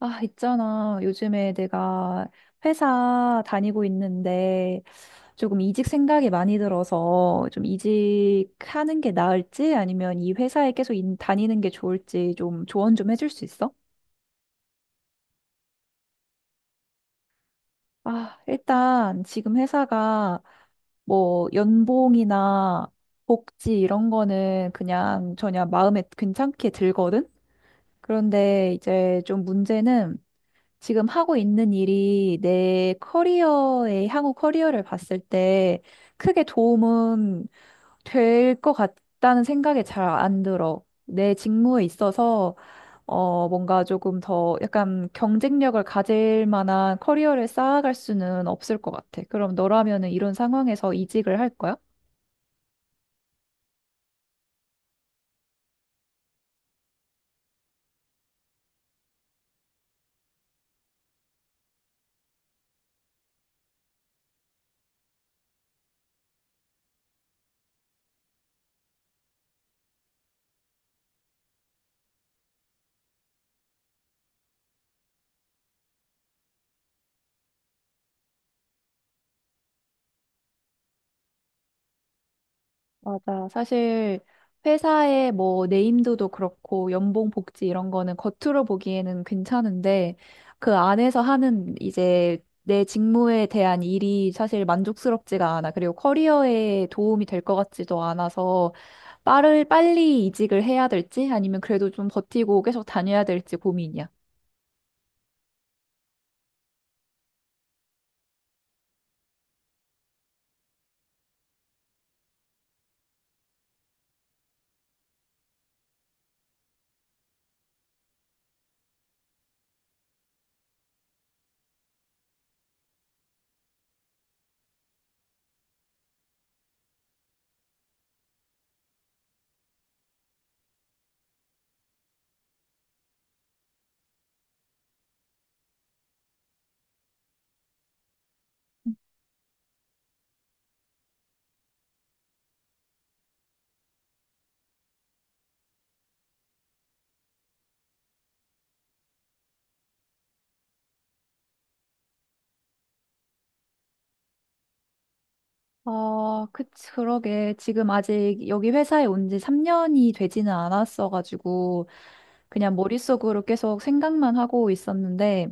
아, 있잖아. 요즘에 내가 회사 다니고 있는데 조금 이직 생각이 많이 들어서 좀 이직하는 게 나을지 아니면 이 회사에 계속 다니는 게 좋을지 좀 조언 좀 해줄 수 있어? 아, 일단 지금 회사가 뭐 연봉이나 복지 이런 거는 그냥 전혀 마음에 괜찮게 들거든? 그런데 이제 좀 문제는 지금 하고 있는 일이 내 커리어에, 향후 커리어를 봤을 때 크게 도움은 될 것 같다는 생각이 잘 안 들어. 내 직무에 있어서, 뭔가 조금 더 약간 경쟁력을 가질 만한 커리어를 쌓아갈 수는 없을 것 같아. 그럼 너라면은 이런 상황에서 이직을 할 거야? 맞아. 사실 회사의 뭐 네임드도 그렇고 연봉 복지 이런 거는 겉으로 보기에는 괜찮은데 그 안에서 하는 이제 내 직무에 대한 일이 사실 만족스럽지가 않아. 그리고 커리어에 도움이 될 것 같지도 않아서 빠를 빨리 이직을 해야 될지 아니면 그래도 좀 버티고 계속 다녀야 될지 고민이야. 아, 그치, 그러게. 지금 아직 여기 회사에 온 지 3년이 되지는 않았어가지고, 그냥 머릿속으로 계속 생각만 하고 있었는데,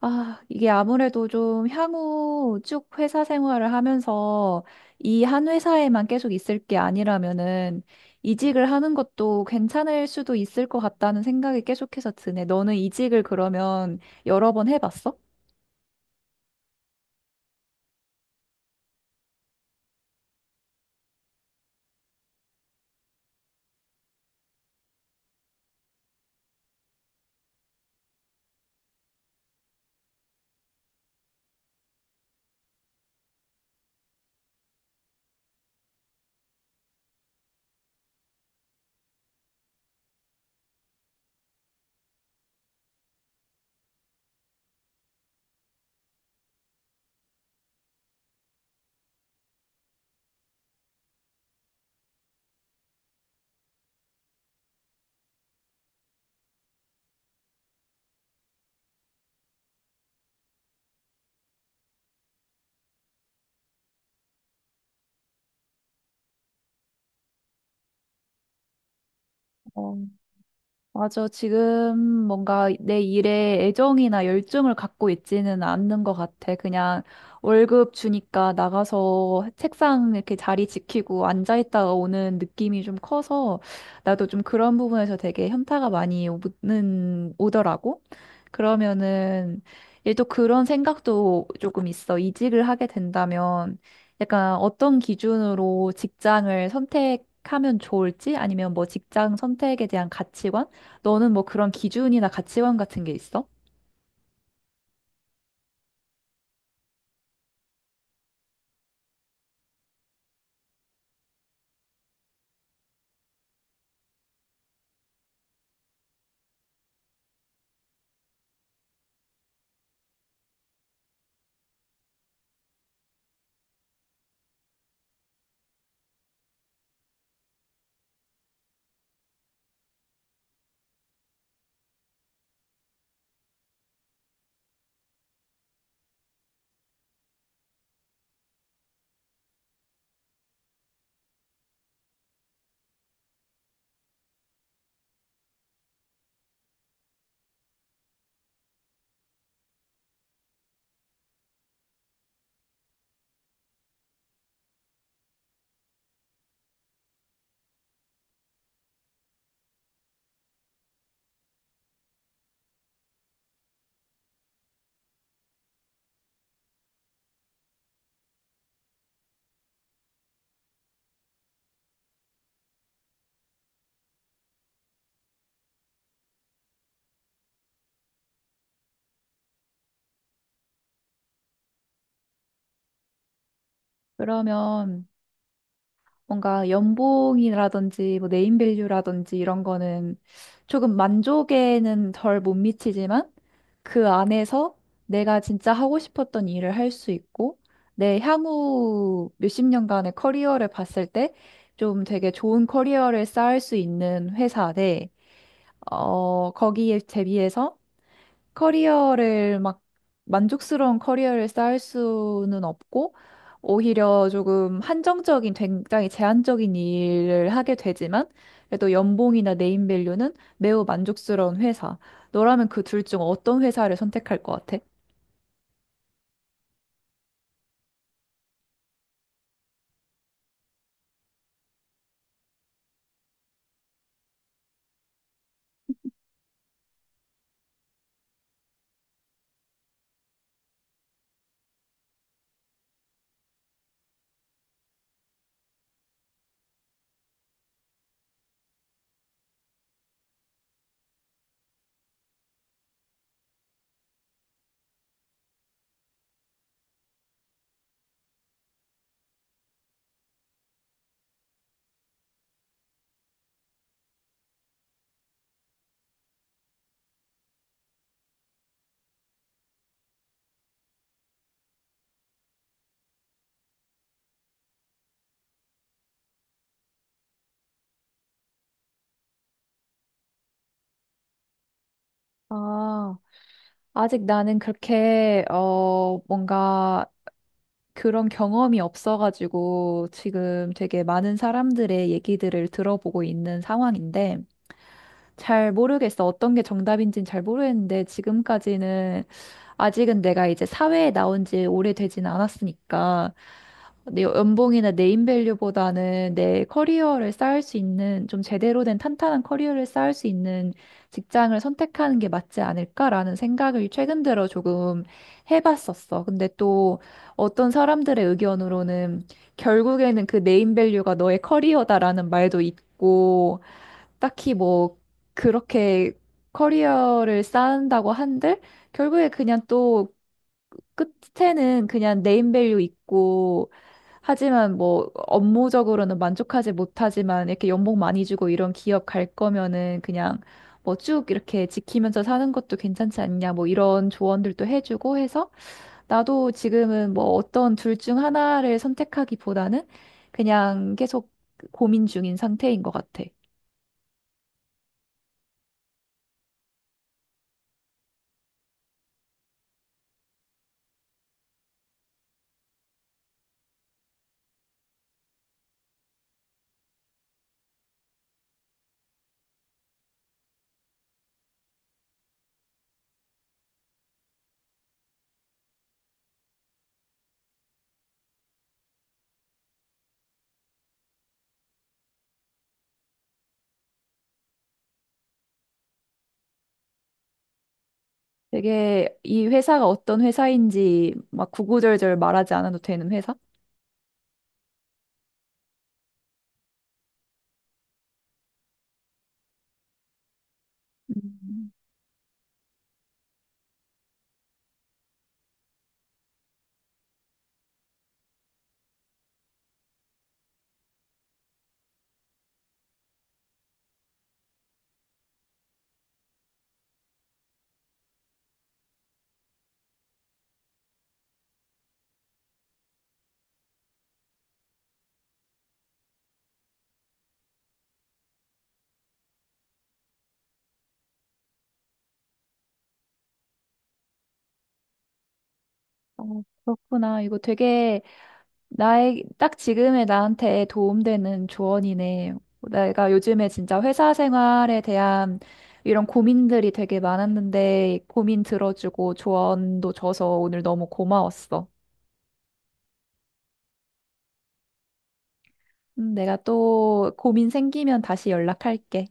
아, 이게 아무래도 좀 향후 쭉 회사 생활을 하면서 이 한 회사에만 계속 있을 게 아니라면은, 이직을 하는 것도 괜찮을 수도 있을 것 같다는 생각이 계속해서 드네. 너는 이직을 그러면 여러 번 해봤어? 어. 맞아. 지금 뭔가 내 일에 애정이나 열정을 갖고 있지는 않는 것 같아. 그냥 월급 주니까 나가서 책상 이렇게 자리 지키고 앉아있다가 오는 느낌이 좀 커서 나도 좀 그런 부분에서 되게 현타가 많이 오더라고. 그러면은 얘 또 그런 생각도 조금 있어. 이직을 하게 된다면 약간 어떤 기준으로 직장을 선택하면 좋을지 아니면 뭐 직장 선택에 대한 가치관? 너는 뭐 그런 기준이나 가치관 같은 게 있어? 그러면 뭔가 연봉이라든지 뭐 네임밸류라든지 이런 거는 조금 만족에는 덜 못 미치지만 그 안에서 내가 진짜 하고 싶었던 일을 할 수 있고, 내 향후 몇십 년간의 커리어를 봤을 때 좀 되게 좋은 커리어를 쌓을 수 있는 회사 대, 거기에 대비해서 커리어를 막 만족스러운 커리어를 쌓을 수는 없고 오히려 조금 한정적인 굉장히 제한적인 일을 하게 되지만 그래도 연봉이나 네임밸류는 매우 만족스러운 회사. 너라면 그 둘 중 어떤 회사를 선택할 것 같아? 아, 아직 나는 뭔가 그런 경험이 없어가지고 지금 되게 많은 사람들의 얘기들을 들어보고 있는 상황인데, 잘 모르겠어. 어떤 게 정답인지는 잘 모르겠는데 지금까지는 아직은 내가 이제 사회에 나온 지 오래되진 않았으니까 내 연봉이나 네임밸류보다는 내 커리어를 쌓을 수 있는 좀 제대로 된 탄탄한 커리어를 쌓을 수 있는 직장을 선택하는 게 맞지 않을까라는 생각을 최근 들어 조금 해봤었어. 근데 또 어떤 사람들의 의견으로는 결국에는 그 네임밸류가 너의 커리어다라는 말도 있고 딱히 뭐 그렇게 커리어를 쌓는다고 한들 결국에 그냥 또 끝에는 그냥 네임밸류 있고 하지만 뭐 업무적으로는 만족하지 못하지만 이렇게 연봉 많이 주고 이런 기업 갈 거면은 그냥 뭐 쭉 이렇게 지키면서 사는 것도 괜찮지 않냐 뭐 이런 조언들도 해주고 해서 나도 지금은 뭐 어떤 둘 중 하나를 선택하기보다는 그냥 계속 고민 중인 상태인 것 같아. 되게 이 회사가 어떤 회사인지 막 구구절절 말하지 않아도 되는 회사? 음, 어, 그렇구나. 이거 되게 나의 딱 지금의 나한테 도움되는 조언이네. 내가 요즘에 진짜 회사 생활에 대한 이런 고민들이 되게 많았는데 고민 들어주고 조언도 줘서 오늘 너무 고마웠어. 내가 또 고민 생기면 다시 연락할게.